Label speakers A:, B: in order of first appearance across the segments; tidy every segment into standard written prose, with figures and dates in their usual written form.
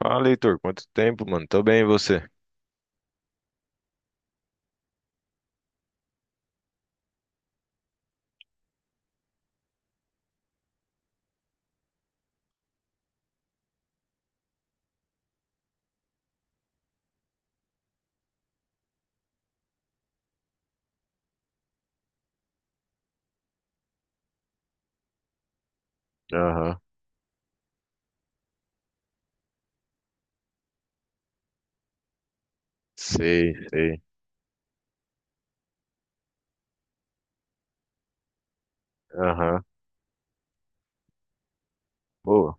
A: Fala, Heitor, quanto tempo, mano? Tô bem, e você? Aham, sei, sei. Aham, Pô,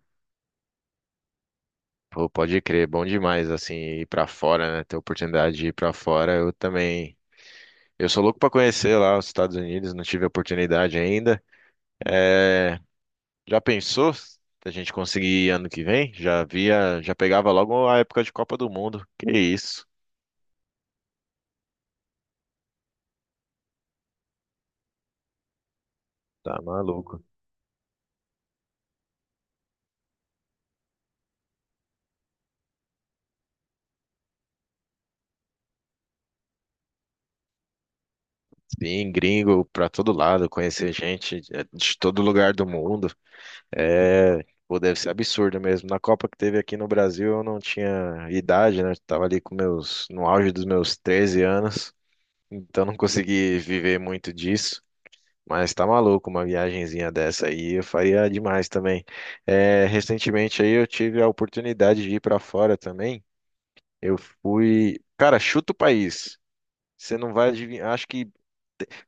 A: pô, pode crer, bom demais, assim, ir pra fora, né? Ter oportunidade de ir pra fora, eu também. Eu sou louco pra conhecer lá os Estados Unidos, não tive a oportunidade ainda. É, já pensou se a gente conseguir ir ano que vem? Já via, já pegava logo a época de Copa do Mundo. Que isso? Tá maluco. Sim, gringo pra todo lado, conhecer gente é, de todo lugar do mundo. É, pô, deve ser absurdo mesmo. Na Copa que teve aqui no Brasil, eu não tinha idade, né? Eu tava ali com meus, no auge dos meus 13 anos, então não consegui viver muito disso. Mas tá maluco, uma viagenzinha dessa aí eu faria demais também. É, recentemente aí eu tive a oportunidade de ir pra fora também. Eu fui, cara, chuta o país. Você não vai adivinhar, acho que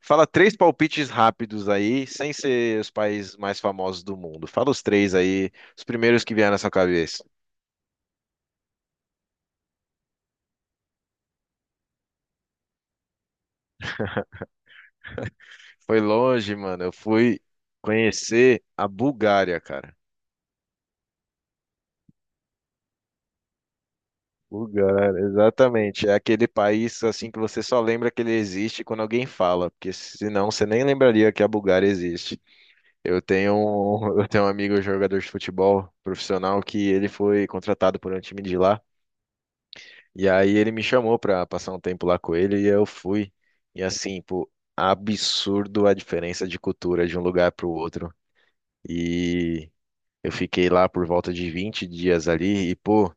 A: fala três palpites rápidos aí, sem ser os países mais famosos do mundo. Fala os três aí, os primeiros que vieram na sua cabeça. Foi longe, mano. Eu fui conhecer a Bulgária, cara. Bulgária, exatamente. É aquele país assim que você só lembra que ele existe quando alguém fala, porque senão você nem lembraria que a Bulgária existe. Eu tenho um amigo jogador de futebol profissional que ele foi contratado por um time de lá. E aí ele me chamou pra passar um tempo lá com ele e eu fui. E assim, pô, absurdo a diferença de cultura de um lugar pro outro. E eu fiquei lá por volta de 20 dias ali e, pô,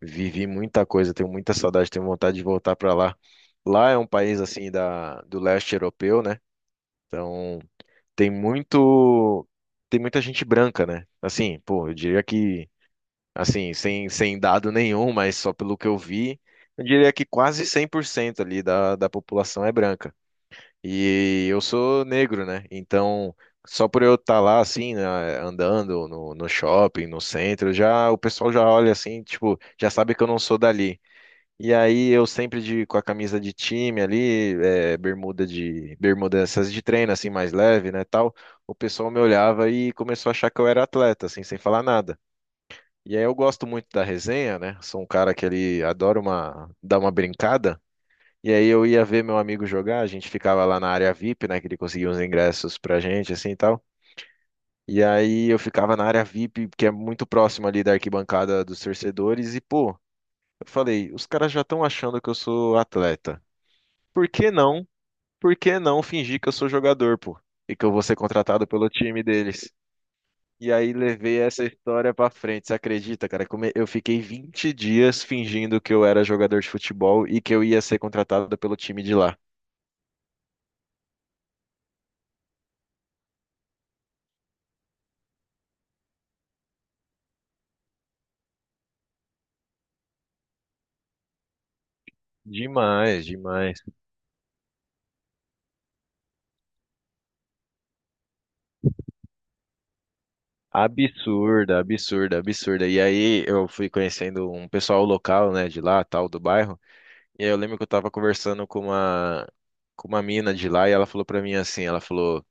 A: vivi muita coisa, tenho muita saudade, tenho vontade de voltar pra lá. Lá é um país assim da do leste europeu, né? Então, tem muito tem muita gente branca, né? Assim, pô, eu diria que assim, sem dado nenhum, mas só pelo que eu vi, eu diria que quase 100% ali da população é branca. E eu sou negro, né? Então, só por eu estar lá, assim, né, andando no shopping, no centro, já o pessoal já olha assim, tipo, já sabe que eu não sou dali. E aí eu sempre com a camisa de time ali, é, bermuda essas de treino assim mais leve, né, tal. O pessoal me olhava e começou a achar que eu era atleta, assim, sem falar nada. E aí eu gosto muito da resenha, né? Sou um cara que ele adora uma, dar uma brincada. E aí eu ia ver meu amigo jogar, a gente ficava lá na área VIP, né? Que ele conseguia uns ingressos pra gente, assim e tal. E aí eu ficava na área VIP, que é muito próximo ali da arquibancada dos torcedores, e pô, eu falei, os caras já estão achando que eu sou atleta. Por que não? Por que não fingir que eu sou jogador, pô? E que eu vou ser contratado pelo time deles? E aí levei essa história pra frente. Você acredita, cara? Como Eu fiquei 20 dias fingindo que eu era jogador de futebol e que eu ia ser contratado pelo time de lá. Demais, demais. Absurda, absurda, absurda. E aí eu fui conhecendo um pessoal local, né, de lá, tal, do bairro. E aí eu lembro que eu tava conversando com uma mina de lá e ela falou pra mim assim, ela falou,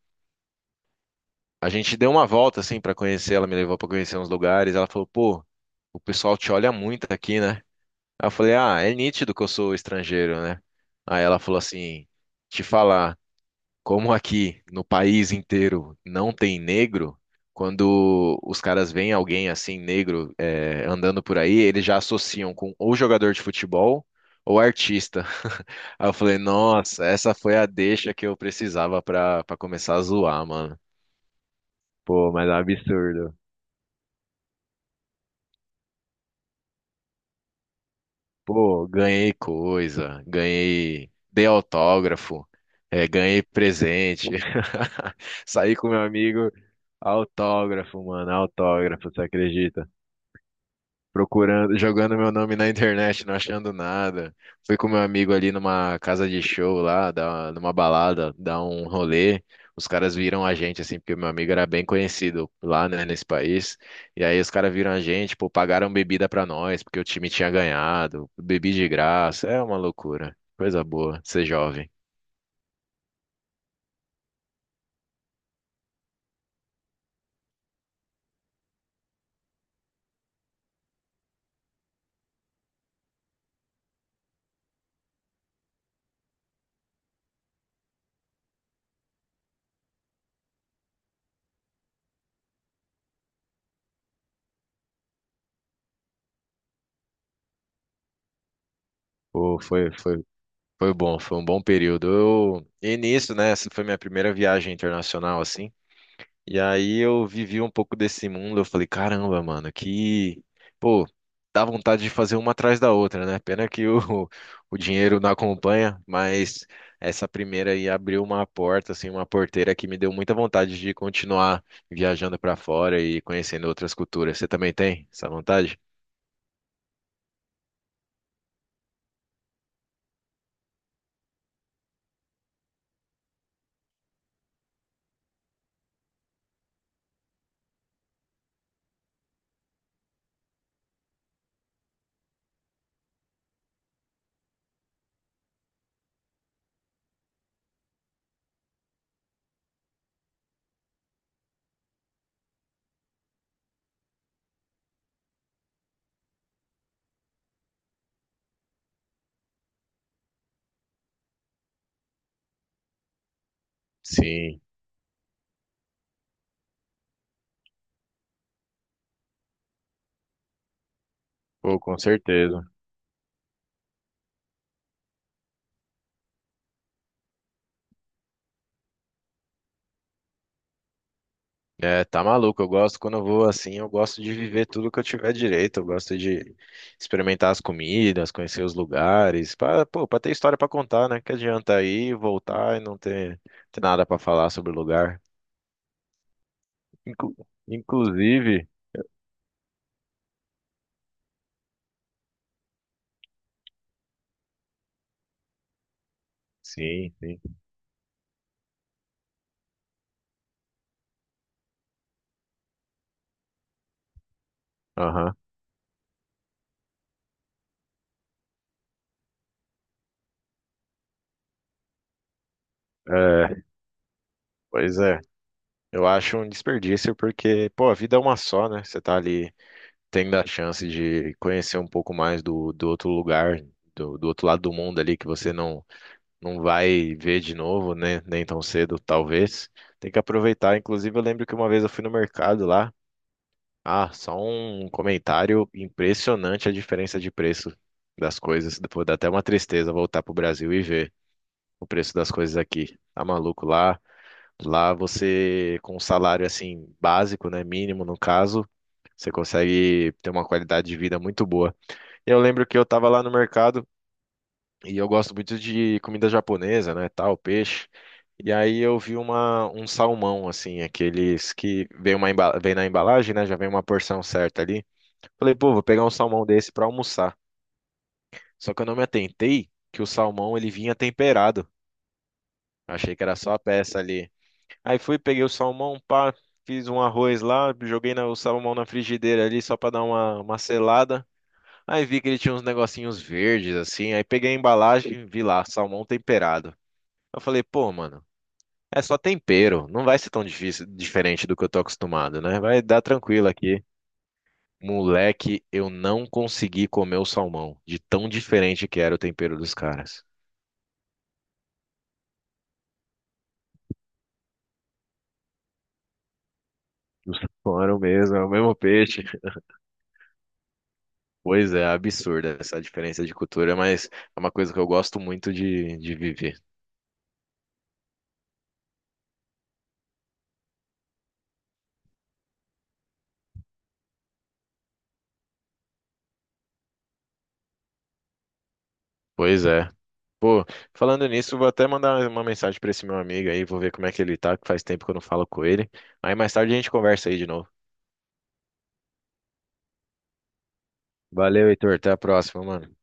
A: a gente deu uma volta assim pra conhecer, ela me levou pra conhecer uns lugares, ela falou, pô, o pessoal te olha muito aqui, né? Aí eu falei, ah, é nítido que eu sou estrangeiro, né? Aí ela falou assim, te falar, como aqui no país inteiro não tem negro, quando os caras veem alguém assim, negro, andando por aí, eles já associam com ou jogador de futebol ou artista. Aí eu falei, nossa, essa foi a deixa que eu precisava pra começar a zoar, mano. Pô, mas é um absurdo. Pô, ganhei coisa, ganhei, dei autógrafo, ganhei presente. Saí com meu amigo, autógrafo, mano, autógrafo, você acredita? Procurando, jogando meu nome na internet, não achando nada. Fui com meu amigo ali numa casa de show lá, numa balada, dar um rolê. Os caras viram a gente, assim, porque meu amigo era bem conhecido lá, né, nesse país. E aí os caras viram a gente, pô, pagaram bebida pra nós, porque o time tinha ganhado. Bebi de graça, é uma loucura. Coisa boa, ser jovem. Pô, foi, foi bom, foi um bom período. Eu, e nisso, né, essa foi minha primeira viagem internacional, assim. E aí eu vivi um pouco desse mundo, eu falei, caramba, mano, que, pô, dá vontade de fazer uma atrás da outra, né? Pena que o dinheiro não acompanha, mas essa primeira aí abriu uma porta, assim, uma porteira que me deu muita vontade de continuar viajando pra fora e conhecendo outras culturas. Você também tem essa vontade? Sim, pô, com certeza. É, tá maluco. Eu gosto quando eu vou assim, eu gosto de viver tudo que eu tiver direito. Eu gosto de experimentar as comidas, conhecer os lugares, pô, para ter história para contar, né? Que adianta ir, voltar e ter nada para falar sobre o lugar. Inclu- inclusive, sim, sim. Aham. É, pois é. Eu acho um desperdício porque, pô, a vida é uma só, né? Você tá ali tendo a chance de conhecer um pouco mais do outro lugar, do outro lado do mundo ali que você não vai ver de novo, né? Nem tão cedo, talvez. Tem que aproveitar. Inclusive, eu lembro que uma vez eu fui no mercado lá. Ah, só um comentário impressionante a diferença de preço das coisas. Depois dá até uma tristeza voltar pro Brasil e ver o preço das coisas aqui. Tá maluco lá? Lá você, com um salário assim básico, né? Mínimo no caso, você consegue ter uma qualidade de vida muito boa. Eu lembro que eu tava lá no mercado. E eu gosto muito de comida japonesa, né, tal, peixe. E aí eu vi um salmão, assim, aqueles que vem, vem na embalagem, né, já vem uma porção certa ali. Falei, pô, vou pegar um salmão desse pra almoçar. Só que eu não me atentei que o salmão, ele vinha temperado. Achei que era só a peça ali. Aí fui, peguei o salmão, pá, fiz um arroz lá, o salmão na frigideira ali só pra dar uma selada. Aí vi que ele tinha uns negocinhos verdes, assim, aí peguei a embalagem, vi lá, salmão temperado. Eu falei, pô, mano, é só tempero, não vai ser tão difícil, diferente do que eu tô acostumado, né? Vai dar tranquilo aqui. Moleque, eu não consegui comer o salmão, de tão diferente que era o tempero dos caras. Pô, era o mesmo, é o mesmo peixe. Pois é, absurda essa diferença de cultura, mas é uma coisa que eu gosto muito de viver. Pois é. Pô, falando nisso, vou até mandar uma mensagem pra esse meu amigo aí, vou ver como é que ele tá, que faz tempo que eu não falo com ele. Aí mais tarde a gente conversa aí de novo. Valeu, Heitor, até a próxima, mano.